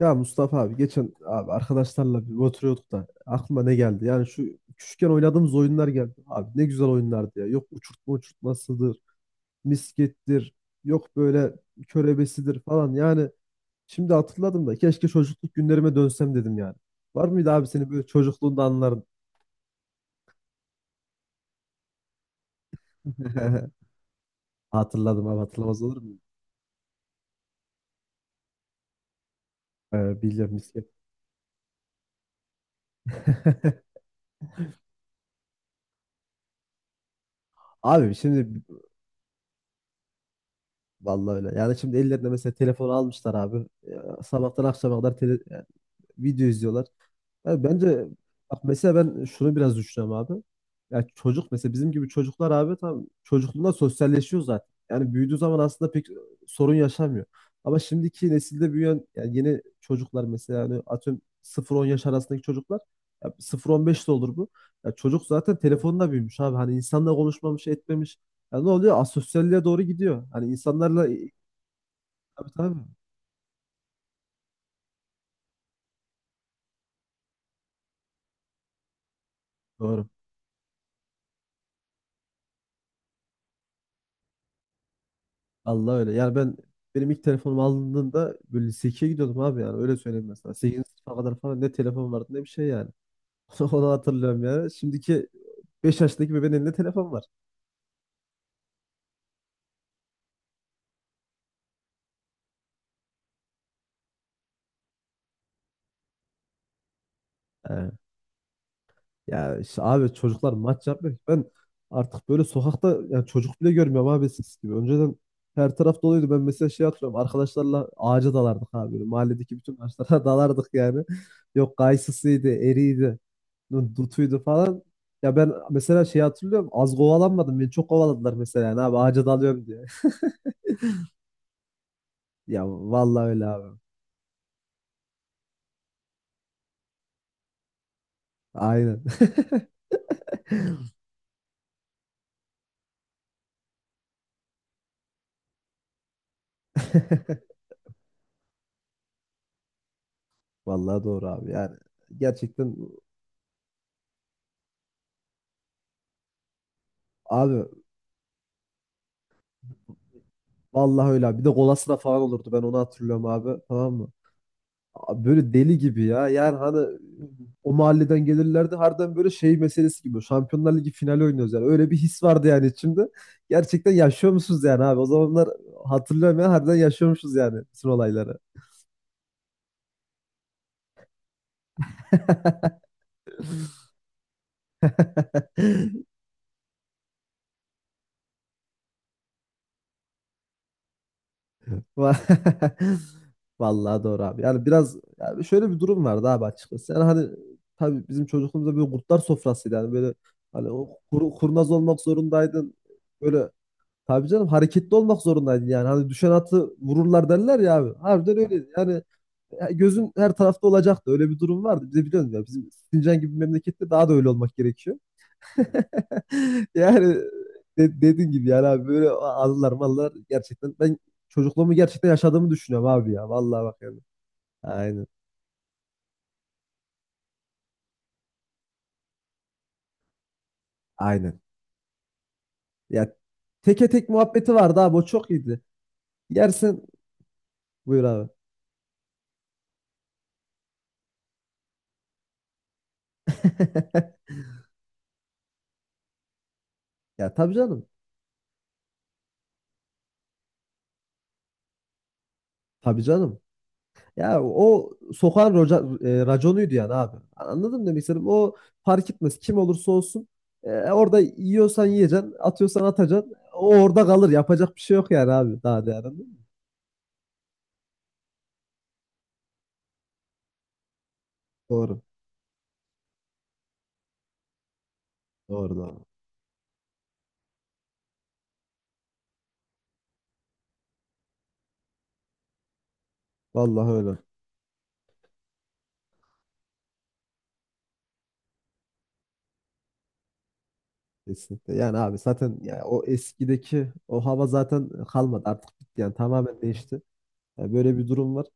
Ya Mustafa abi geçen abi arkadaşlarla bir oturuyorduk da aklıma ne geldi? Yani şu küçükken oynadığımız oyunlar geldi. Abi ne güzel oyunlardı ya. Yok uçurtmasıdır, miskettir, yok böyle körebesidir falan. Yani şimdi hatırladım da keşke çocukluk günlerime dönsem dedim yani. Var mıydı abi senin böyle çocukluğunda anların? Hatırladım abi, hatırlamaz olur muyum? Biliyorum, misket. Abi şimdi vallahi öyle. Yani şimdi ellerine mesela telefonu almışlar abi. Ya, sabahtan akşama kadar yani video izliyorlar. Ya bence bak mesela ben şunu biraz düşünüyorum abi. Ya çocuk mesela bizim gibi çocuklar abi tam çocukluğunda sosyalleşiyor zaten. Yani büyüdüğü zaman aslında pek sorun yaşamıyor. Ama şimdiki nesilde büyüyen yani yeni çocuklar mesela yani atıyorum sıfır on yaş arasındaki çocuklar, ya sıfır on 15 de olur bu. Ya çocuk zaten telefonla büyümüş abi. Hani insanla konuşmamış, etmemiş. Ya ne oluyor? Asosyalliğe doğru gidiyor. Hani insanlarla. Tabii, tabii. Doğru. Allah öyle. Yani benim ilk telefonumu aldığımda böyle lise 2'ye gidiyordum abi, yani öyle söyleyeyim mesela. 8. sınıfa kadar falan ne telefon vardı ne bir şey yani. Onu hatırlıyorum yani. Şimdiki 5 yaşındaki bebeğin elinde telefon var. Ee, Ya işte abi çocuklar maç yapmıyor ki. Ben artık böyle sokakta yani çocuk bile görmüyorum abi eskisi gibi. Önceden her taraf doluydu. Ben mesela şey hatırlıyorum. Arkadaşlarla ağaca dalardık abi. Böyle mahalledeki bütün ağaçlara dalardık yani. Yok kayısısıydı, eriydi. Dutuydu falan. Ya ben mesela şey hatırlıyorum. Az kovalanmadım. Beni çok kovaladılar mesela. Yani abi ağaca dalıyorum diye. Ya vallahi öyle abi. Aynen. Vallahi doğru abi. Yani gerçekten abi, vallahi öyle abi. Bir de kolasına falan olurdu. Ben onu hatırlıyorum abi. Tamam mı? Abi böyle deli gibi ya. Yani hani o mahalleden gelirlerdi. Harbiden böyle şey meselesi gibi. Şampiyonlar Ligi finali oynuyoruz yani. Öyle bir his vardı yani içimde. Gerçekten yaşıyor musunuz yani abi? O zamanlar hatırlıyorum ya. Harbiden yaşıyormuşuz yani bütün olayları. Va- Vallahi doğru abi. Yani biraz yani şöyle bir durum vardı abi açıkçası. Yani hani tabii bizim çocukluğumuzda böyle kurtlar sofrasıydı. Yani böyle hani o kurnaz olmak zorundaydın. Böyle tabii canım hareketli olmak zorundaydın yani. Hani düşen atı vururlar derler ya abi. Harbiden öyleydi. Yani ya gözün her tarafta olacaktı. Öyle bir durum vardı. Bize biliyorsun ya, bizim Sincan gibi memlekette daha da öyle olmak gerekiyor. Yani dediğin gibi yani abi böyle anılar mallar, gerçekten ben çocukluğumu gerçekten yaşadığımı düşünüyorum abi ya. Vallahi bak yani. Aynen. Aynen. Ya teke tek muhabbeti vardı abi, o çok iyiydi. Yersin, buyur abi. Ya tabii canım. Tabii canım. Ya o sokağın raconuydu yani abi. Anladın mı demek istediğim? O fark etmez. Kim olursa olsun. Orada yiyorsan yiyeceksin. Atıyorsan atacaksın. O orada kalır. Yapacak bir şey yok yani abi. Daha değerli. Doğru. Doğru, doğru. Vallahi öyle. Kesinlikle. Yani abi zaten ya o eskideki o hava zaten kalmadı. Artık bitti, yani tamamen değişti. Ya böyle bir durum var.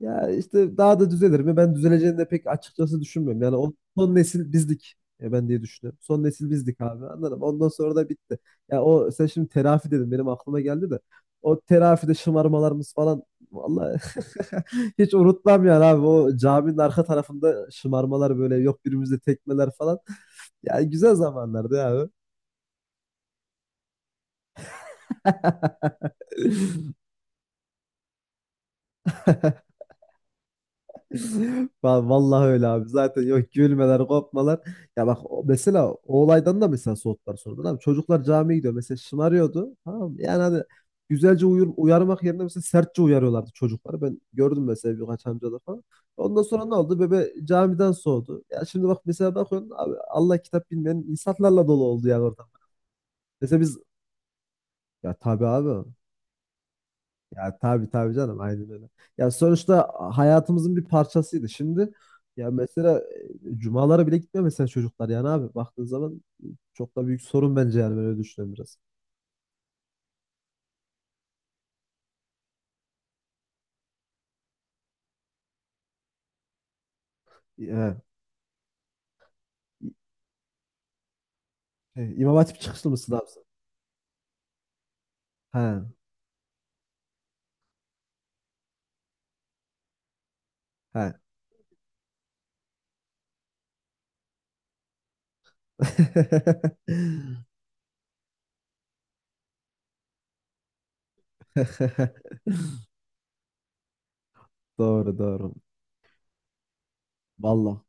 Ya işte daha da düzelir mi? Ben düzeleceğini de pek açıkçası düşünmüyorum. Yani o son nesil bizdik. Ya ben diye düşünüyorum. Son nesil bizdik abi. Anladım. Ondan sonra da bitti. Ya o sen şimdi terafi dedin. Benim aklıma geldi de. O terafide şımarmalarımız falan, vallahi hiç unutmam yani abi. O caminin arka tarafında şımarmalar, böyle yok birbirimize tekmeler falan. Ya güzel zamanlardı ya abi. Vallahi öyle abi. Zaten yok gülmeler, kopmalar. Ya bak mesela o olaydan da mesela soğuttular sonra. Tamam, çocuklar camiye gidiyor. Mesela şımarıyordu. Tamam mı? Yani hani güzelce uyarmak yerine mesela sertçe uyarıyorlardı çocukları. Ben gördüm mesela birkaç amcada falan. Ondan sonra ne oldu? Bebe camiden soğudu. Ya şimdi bak mesela, bakıyorsun abi Allah kitap bilmeyen insanlarla dolu oldu yani ortam. Mesela biz, ya tabii abi. Ya tabii, tabii canım, aynen öyle. Ya sonuçta hayatımızın bir parçasıydı. Şimdi ya mesela cumalara bile gitmiyor mesela çocuklar yani abi baktığın zaman, çok da büyük sorun bence yani, böyle düşünüyorum biraz. Ya, İmam Hatip çıkışlı mısın abi sen? He, he. Doğru, doğru. Vallahi.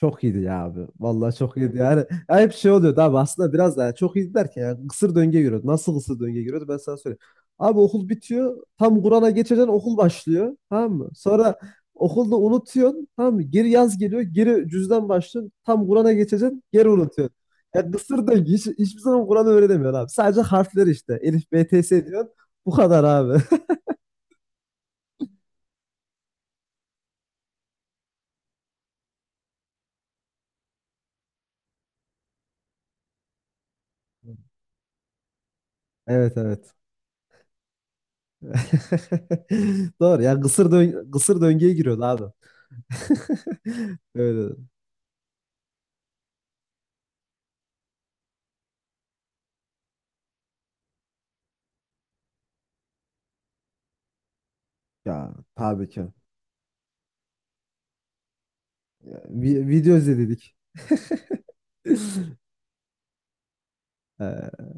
Çok iyiydi ya abi. Vallahi çok iyiydi yani. Ya hep şey oluyordu abi, aslında biraz daha çok iyiydi derken yani kısır döngüye giriyordu. Nasıl kısır döngüye giriyordu ben sana söyleyeyim. Abi okul bitiyor. Tam Kur'an'a geçeceksin, okul başlıyor. Tamam mı? Sonra okulda unutuyorsun. Tamam mı? Geri yaz geliyor. Geri cüzden başlıyorsun. Tam Kur'an'a geçeceksin. Geri unutuyorsun. Ya kısır döngü. Hiçbir zaman Kur'an'ı öğrenemiyorsun abi. Sadece harfler işte. Elif, B, T, S diyorsun. Bu kadar abi. Evet, evet. Doğru ya, kısır döngüye giriyordu abi. Öyle. Ya tabii ki. Ya, video izledik. Ee,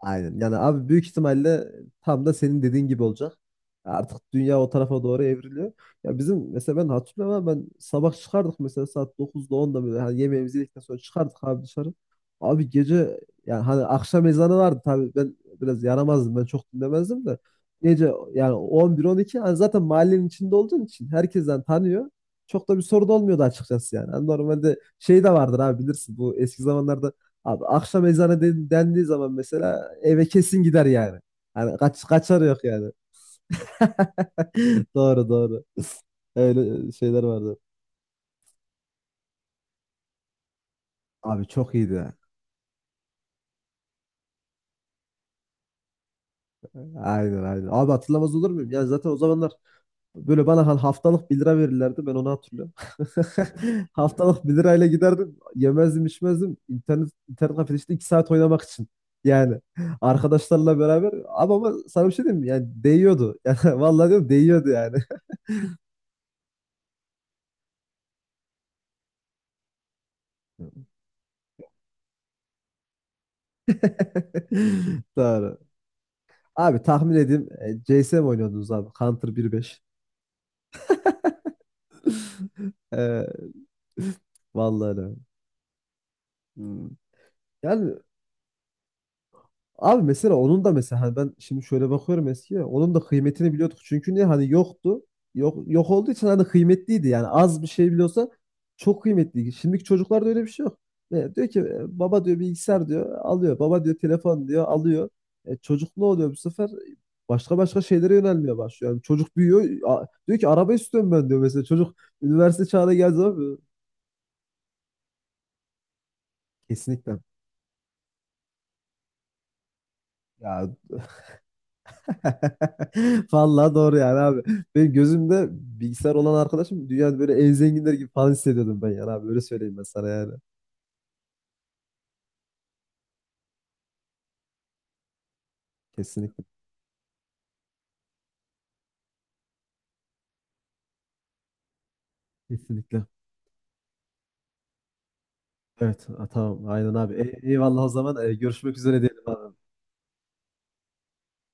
Aynen. Yani abi büyük ihtimalle tam da senin dediğin gibi olacak. Artık dünya o tarafa doğru evriliyor. Ya bizim mesela ben hatırlıyorum ama, ben sabah çıkardık mesela saat 9'da 10'da, böyle hani yemeğimizi yedikten sonra çıkardık abi dışarı. Abi gece yani, hani akşam ezanı vardı tabii, ben biraz yaramazdım, ben çok dinlemezdim de gece yani 11-12, hani zaten mahallenin içinde olduğun için herkesten tanıyor. Çok da bir sorun olmuyordu açıkçası yani. Hani normalde şey de vardır abi, bilirsin, bu eski zamanlarda abi akşam ezanı dendiği zaman mesela eve kesin gider yani. Hani kaç kaçar yok yani. Doğru, doğru. Öyle şeyler vardı. Abi çok iyiydi. Aynen, aynen. Abi hatırlamaz olur muyum? Yani zaten o zamanlar böyle bana haftalık bir lira verirlerdi. Ben onu hatırlıyorum. Haftalık bir lirayla giderdim. Yemezdim içmezdim. İnternet kafede işte 2 saat oynamak için. Yani arkadaşlarla beraber. Abi ama sana bir şey diyeyim mi? Yani değiyordu. Yani vallahi diyorum, değiyordu yani. Doğru. Abi tahmin edeyim, CS'm oynuyordunuz abi. Counter 1.5. Ee, vallahi öyle. Hmm. Yani abi mesela onun da mesela hani ben şimdi şöyle bakıyorum eskiye, onun da kıymetini biliyorduk. Çünkü niye, hani yoktu. Yok, yok olduğu için hani kıymetliydi yani, az bir şey biliyorsa çok kıymetliydi. Şimdiki çocuklarda öyle bir şey yok. Diyor ki baba diyor, bilgisayar diyor, alıyor. Baba diyor, telefon diyor, alıyor. Çocuk ne oluyor bu sefer? Başka başka şeylere yönelmeye başlıyor. Yani çocuk büyüyor. Diyor ki araba istiyorum ben, diyor mesela. Çocuk üniversite çağına geldiği zaman kesinlikle. Ya vallahi doğru yani abi. Benim gözümde bilgisayar olan arkadaşım dünyada böyle en zenginler gibi falan hissediyordum ben yani abi. Öyle söyleyeyim ben sana yani. Kesinlikle. Kesinlikle. Evet, ha, tamam. Aynen abi. Eyvallah o zaman. Görüşmek üzere diyelim.